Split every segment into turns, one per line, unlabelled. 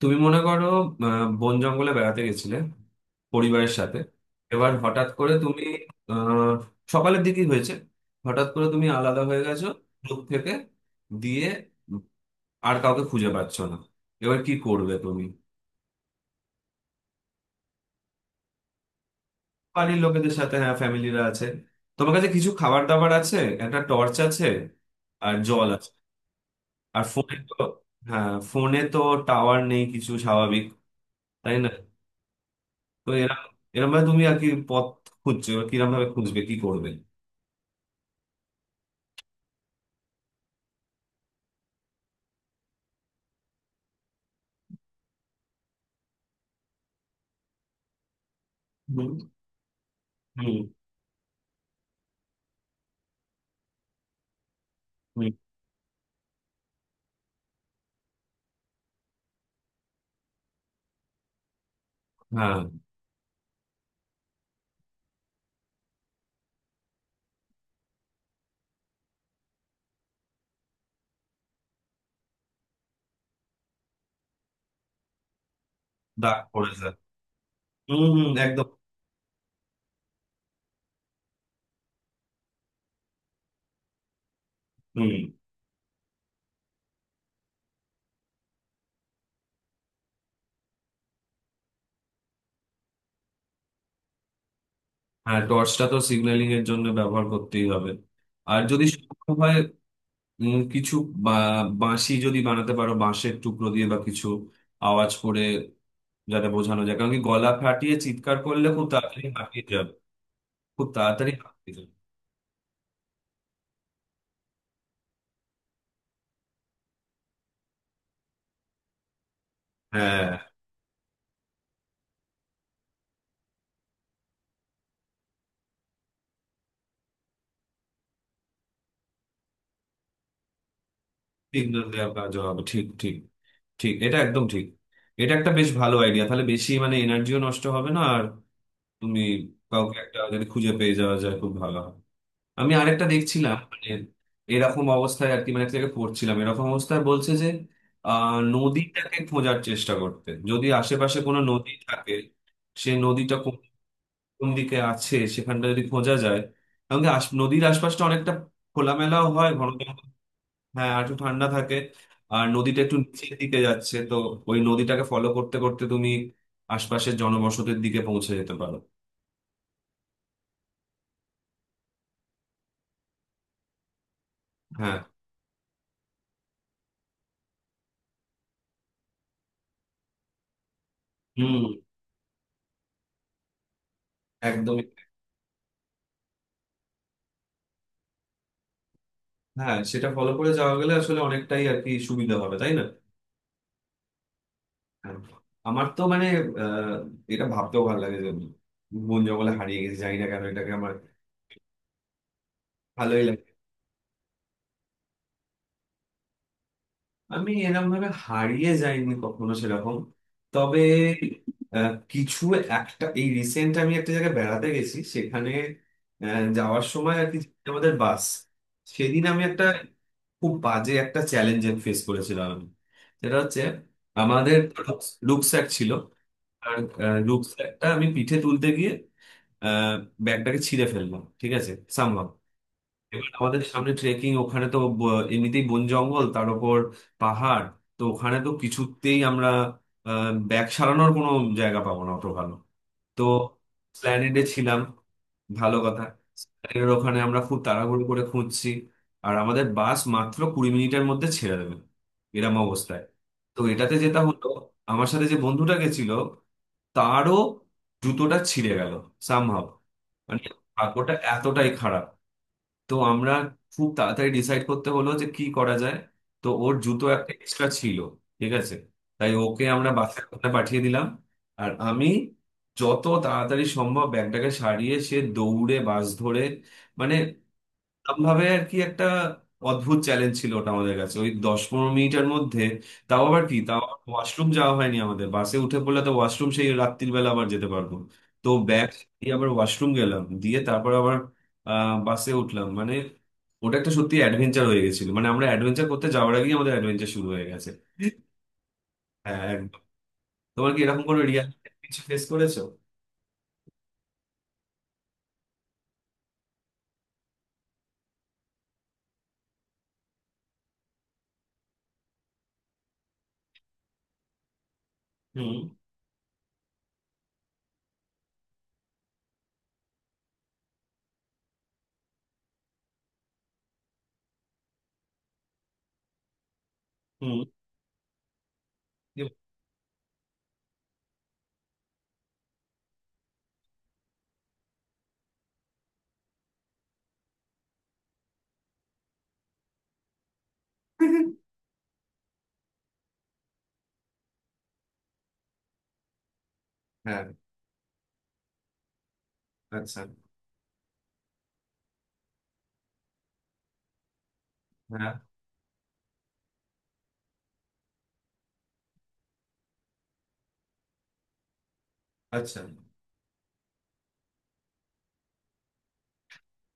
তুমি মনে করো বন জঙ্গলে বেড়াতে গেছিলে পরিবারের সাথে। এবার হঠাৎ করে তুমি আহ সকালের দিকেই হয়েছে, হঠাৎ করে তুমি আলাদা হয়ে গেছো গ্রুপ থেকে, দিয়ে উম, আর কাউকে খুঁজে পাচ্ছ না। এবার কি করবে তুমি? বাড়ির লোকেদের সাথে, হ্যাঁ ফ্যামিলিরা আছে। তোমার কাছে কিছু খাবার দাবার আছে, একটা টর্চ আছে, আর জল আছে। আর ফোনে তো, হ্যাঁ ফোনে তো টাওয়ার নেই কিছু, স্বাভাবিক, তাই না। তো এরকম এরকম ভাবে তুমি আর কি পথ খুঁজছো? এবার কিরকম ভাবে খুঁজবে, কি করবে? হুম, হুম, হুম, হ্যাঁ, দাগ পড়ে যায়। হুম, হুম, একদম। হুম। হ্যাঁ, টর্চটা তো সিগন্যালিং এর জন্য ব্যবহার করতেই হবে, আর যদি সম্ভব হয় কিছু বাঁশি যদি বানাতে পারো বাঁশের টুকরো দিয়ে, বা কিছু আওয়াজ করে যাতে বোঝানো যায়। কারণ কি, গলা ফাটিয়ে চিৎকার করলে খুব তাড়াতাড়ি হাঁপিয়ে যাবে, খুব তাড়াতাড়ি হাঁপিয়ে যাবে। হ্যাঁ, সিগন্যাল দেওয়ার কাজ হবে, ঠিক ঠিক, ঠিক, এটা একদম ঠিক। এটা একটা বেশ ভালো আইডিয়া, তাহলে বেশি মানে এনার্জিও নষ্ট হবে না। আর তুমি কাউকে একটা যদি খুঁজে পেয়ে যাওয়া যায় খুব ভালো হয়। আমি আরেকটা দেখছিলাম, মানে এরকম অবস্থায় আর কি, মানে একটা জায়গায় পড়ছিলাম এরকম অবস্থায় বলছে যে নদীটাকে খোঁজার চেষ্টা করতে, যদি আশেপাশে কোনো নদী থাকে। সে নদীটা কোন, কোন দিকে আছে সেখানটা যদি খোঁজা যায়। কারণ কি, নদীর আশপাশটা অনেকটা খোলামেলাও হয়, ঘন। হ্যাঁ, আর একটু ঠান্ডা থাকে, আর নদীটা একটু নিচের দিকে যাচ্ছে তো, ওই নদীটাকে ফলো করতে করতে তুমি আশপাশের জনবসতির দিকে পৌঁছে যেতে পারো। হ্যাঁ। হুম, একদমই। হ্যাঁ, সেটা ফলো করে যাওয়া গেলে আসলে অনেকটাই আর কি সুবিধা হবে, তাই না। হ্যাঁ। আমার তো মানে আহ এটা ভাবতেও ভালো লাগে যে আমি বন জঙ্গলে হারিয়ে গেছি, জানি না কেন এটাকে আমার ভালোই লাগে। আমি এরকম ভাবে হারিয়ে যাইনি কখনো সেরকম, তবে কিছু একটা এই রিসেন্ট, আমি একটা জায়গায় বেড়াতে গেছি সেখানে, যাওয়ার সময় আর কি আমাদের বাস, সেদিন আমি একটা খুব বাজে একটা চ্যালেঞ্জ ফেস করেছিলাম আমি। সেটা হচ্ছে আমাদের রুকস্যাক ছিল, আর রুকস্যাকটা আমি পিঠে তুলতে গিয়ে আহ, ব্যাগটাকে ছিঁড়ে ফেললাম, ঠিক আছে, সামহাও। এবার আমাদের সামনে ট্রেকিং, ওখানে তো এমনিতেই বন জঙ্গল, তার ওপর পাহাড়। তো ওখানে তো কিছুতেই আমরা ব্যাগ সারানোর কোনো জায়গা পাবো না অত ভালো। তো স্প্ল্যানেডে ছিলাম, ভালো কথা। এর ওখানে আমরা খুব তাড়াহুড়ো করে খুঁজছি, আর আমাদের বাস মাত্র 20 মিনিটের মধ্যে ছেড়ে দেবে, এরম অবস্থায়। তো এটাতে যেটা হলো, আমার সাথে যে বন্ধুটা গেছিল তারও জুতোটা ছিঁড়ে গেল সামহাও, মানে ভাগ্যটা এতটাই খারাপ। তো আমরা খুব তাড়াতাড়ি ডিসাইড করতে হলো যে কি করা যায়। তো ওর জুতো একটা এক্সট্রা ছিল, ঠিক আছে, তাই ওকে আমরা বাসের ওখানে পাঠিয়ে দিলাম। আর আমি যত তাড়াতাড়ি সম্ভব ব্যাগটাকে সারিয়ে সে দৌড়ে বাস ধরে, মানে ভাবে আর কি। একটা অদ্ভুত চ্যালেঞ্জ ছিল ওটা আমাদের কাছে, ওই 10-15 মিনিটের মধ্যে। তাও আবার কি, তাও ওয়াশরুম যাওয়া হয়নি আমাদের, বাসে উঠে পড়লে তো ওয়াশরুম সেই রাত্রির বেলা আবার যেতে পারবো। তো ব্যাগ দিয়ে আবার ওয়াশরুম গেলাম, দিয়ে তারপর আবার বাসে উঠলাম। মানে ওটা একটা সত্যি অ্যাডভেঞ্চার হয়ে গেছিল, মানে আমরা অ্যাডভেঞ্চার করতে যাওয়ার আগেই আমাদের অ্যাডভেঞ্চার শুরু হয়ে গেছে। হ্যাঁ, একদম। তোমার কি এরকম কোনো রিয়াল কিছু ফেস করেছো? হুম, হুম, হ্যাঁ, আচ্ছা, হ্যাঁ, আচ্ছা,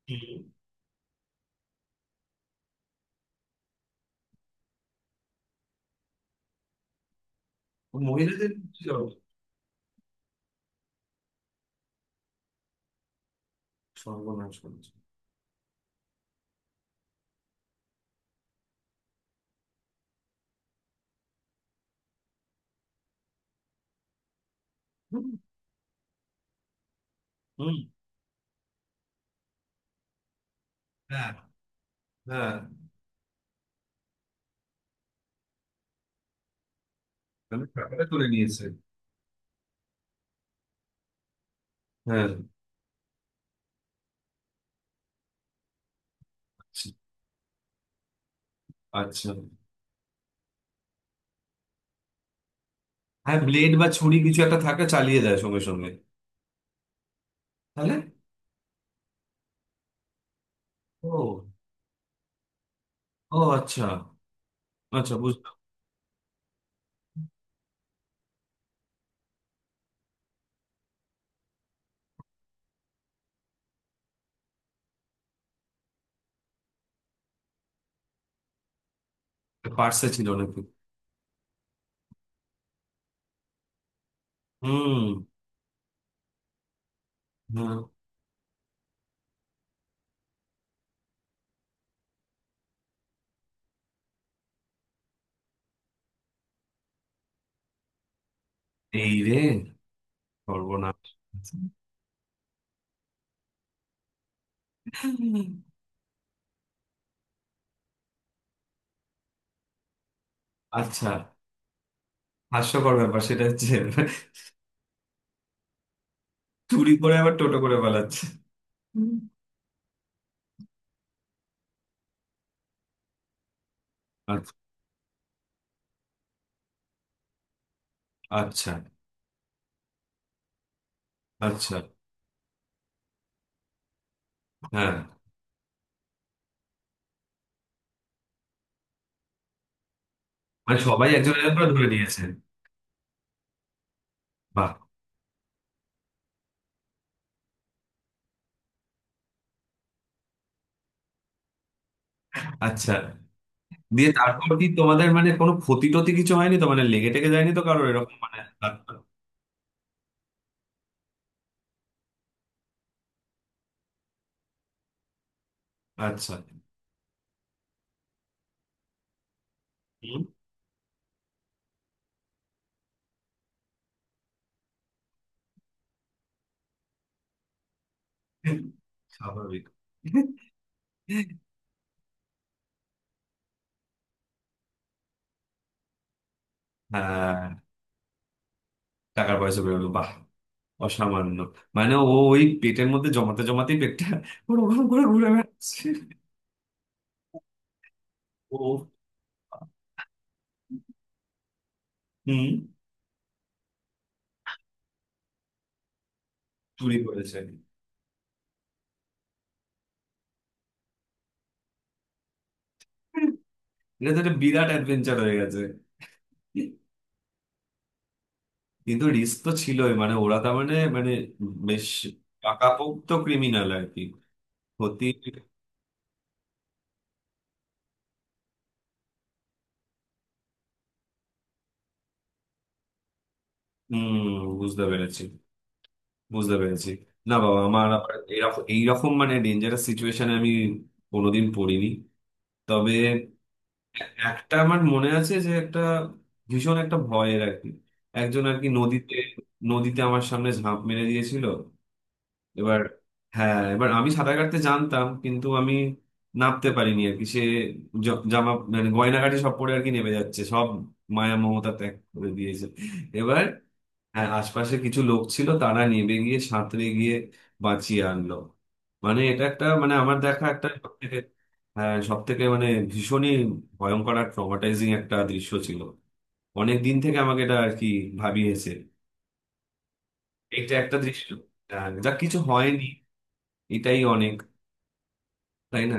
হুম। মহিলাদের কি অবস্থা? সর্বনাশ করেছে। হুম, হুম, হ্যাঁ, হ্যাঁ, মানে টাকাটা তুলে নিয়েছে। হ্যাঁ, আচ্ছা, আচ্ছা। হ্যাঁ, ব্লেড বা ছুরি কিছু একটা থাকে, চালিয়ে দেয় সঙ্গে সঙ্গে। তাহলে ও, ও আচ্ছা, আচ্ছা বুঝলাম। পার্সে ছিল নাকি? হুম, হ্যাঁ, এই রে, সর্বনাশ। আচ্ছা, হাস্যকর ব্যাপার সেটা হচ্ছে, চুরি করে আবার টোটো করে পালাচ্ছে। হুম। আচ্ছা, আচ্ছা, আচ্ছা, হ্যাঁ, মানে সবাই একজন একজন করে ধরে নিয়েছেন। বাহ। আচ্ছা, দিয়ে তারপর কি তোমাদের মানে কোনো ক্ষতি টতি কিছু হয়নি তো, মানে লেগে টেগে যায়নি তো কারোর, এরকম মানে। আচ্ছা, হুম। স্বাভাবিক। হ্যাঁ, টাকার পয়সা বেরোলো, বাহ, অসামান্য। মানে ও, ওই পেটের মধ্যে জমাতে জমাতেই পেটটা ওরকম করে ঘুরে বেড়াচ্ছে। ও, হুম, চুরি করেছে। এটা তো একটা বিরাট অ্যাডভেঞ্চার হয়ে গেছে। কিন্তু রিস্ক তো ছিলই, মানে ওরা তার মানে, মানে বেশ পাকাপোক্ত ক্রিমিনাল আর কি। ক্ষতি। হম, বুঝতে পেরেছি, বুঝতে পেরেছি। না বাবা, আমার আবার এরকম এইরকম মানে ডেঞ্জারাস সিচুয়েশনে আমি কোনোদিন পড়িনি। তবে একটা আমার মনে আছে, যে একটা ভীষণ একটা ভয়ের আর কি, একজন আর কি নদীতে, নদীতে আমার সামনে ঝাঁপ মেরে দিয়েছিল। এবার, হ্যাঁ এবার, আমি সাঁতার কাটতে জানতাম কিন্তু আমি নামতে পারিনি আর কি। সে জামা মানে গয়নাঘাটি সব পরে আর কি নেমে যাচ্ছে, সব মায়া মমতা ত্যাগ করে দিয়েছে। এবার হ্যাঁ, আশপাশে কিছু লোক ছিল, তারা নেমে গিয়ে সাঁতরে গিয়ে বাঁচিয়ে আনলো। মানে এটা একটা মানে আমার দেখা একটা সব থেকে, হ্যাঁ সব থেকে মানে ভীষণই ভয়ঙ্কর আর ট্রমাটাইজিং একটা দৃশ্য ছিল। অনেক দিন থেকে আমাকে এটা আর কি ভাবিয়েছে। এটা একটা দৃশ্য। যা কিছু হয়নি এটাই অনেক, তাই না।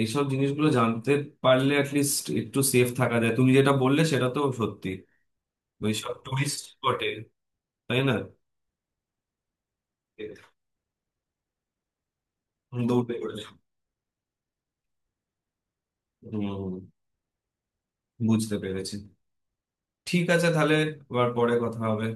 এইসব জিনিসগুলো জানতে পারলে অ্যাটলিস্ট একটু সেফ থাকা যায়। তুমি যেটা বললে সেটা তো সত্যি, ওই সব টুরিস্ট স্পটে, তাই না। দৌড়ে করে। হুম, বুঝতে পেরেছি। ঠিক আছে তাহলে, আবার পরে কথা হবে।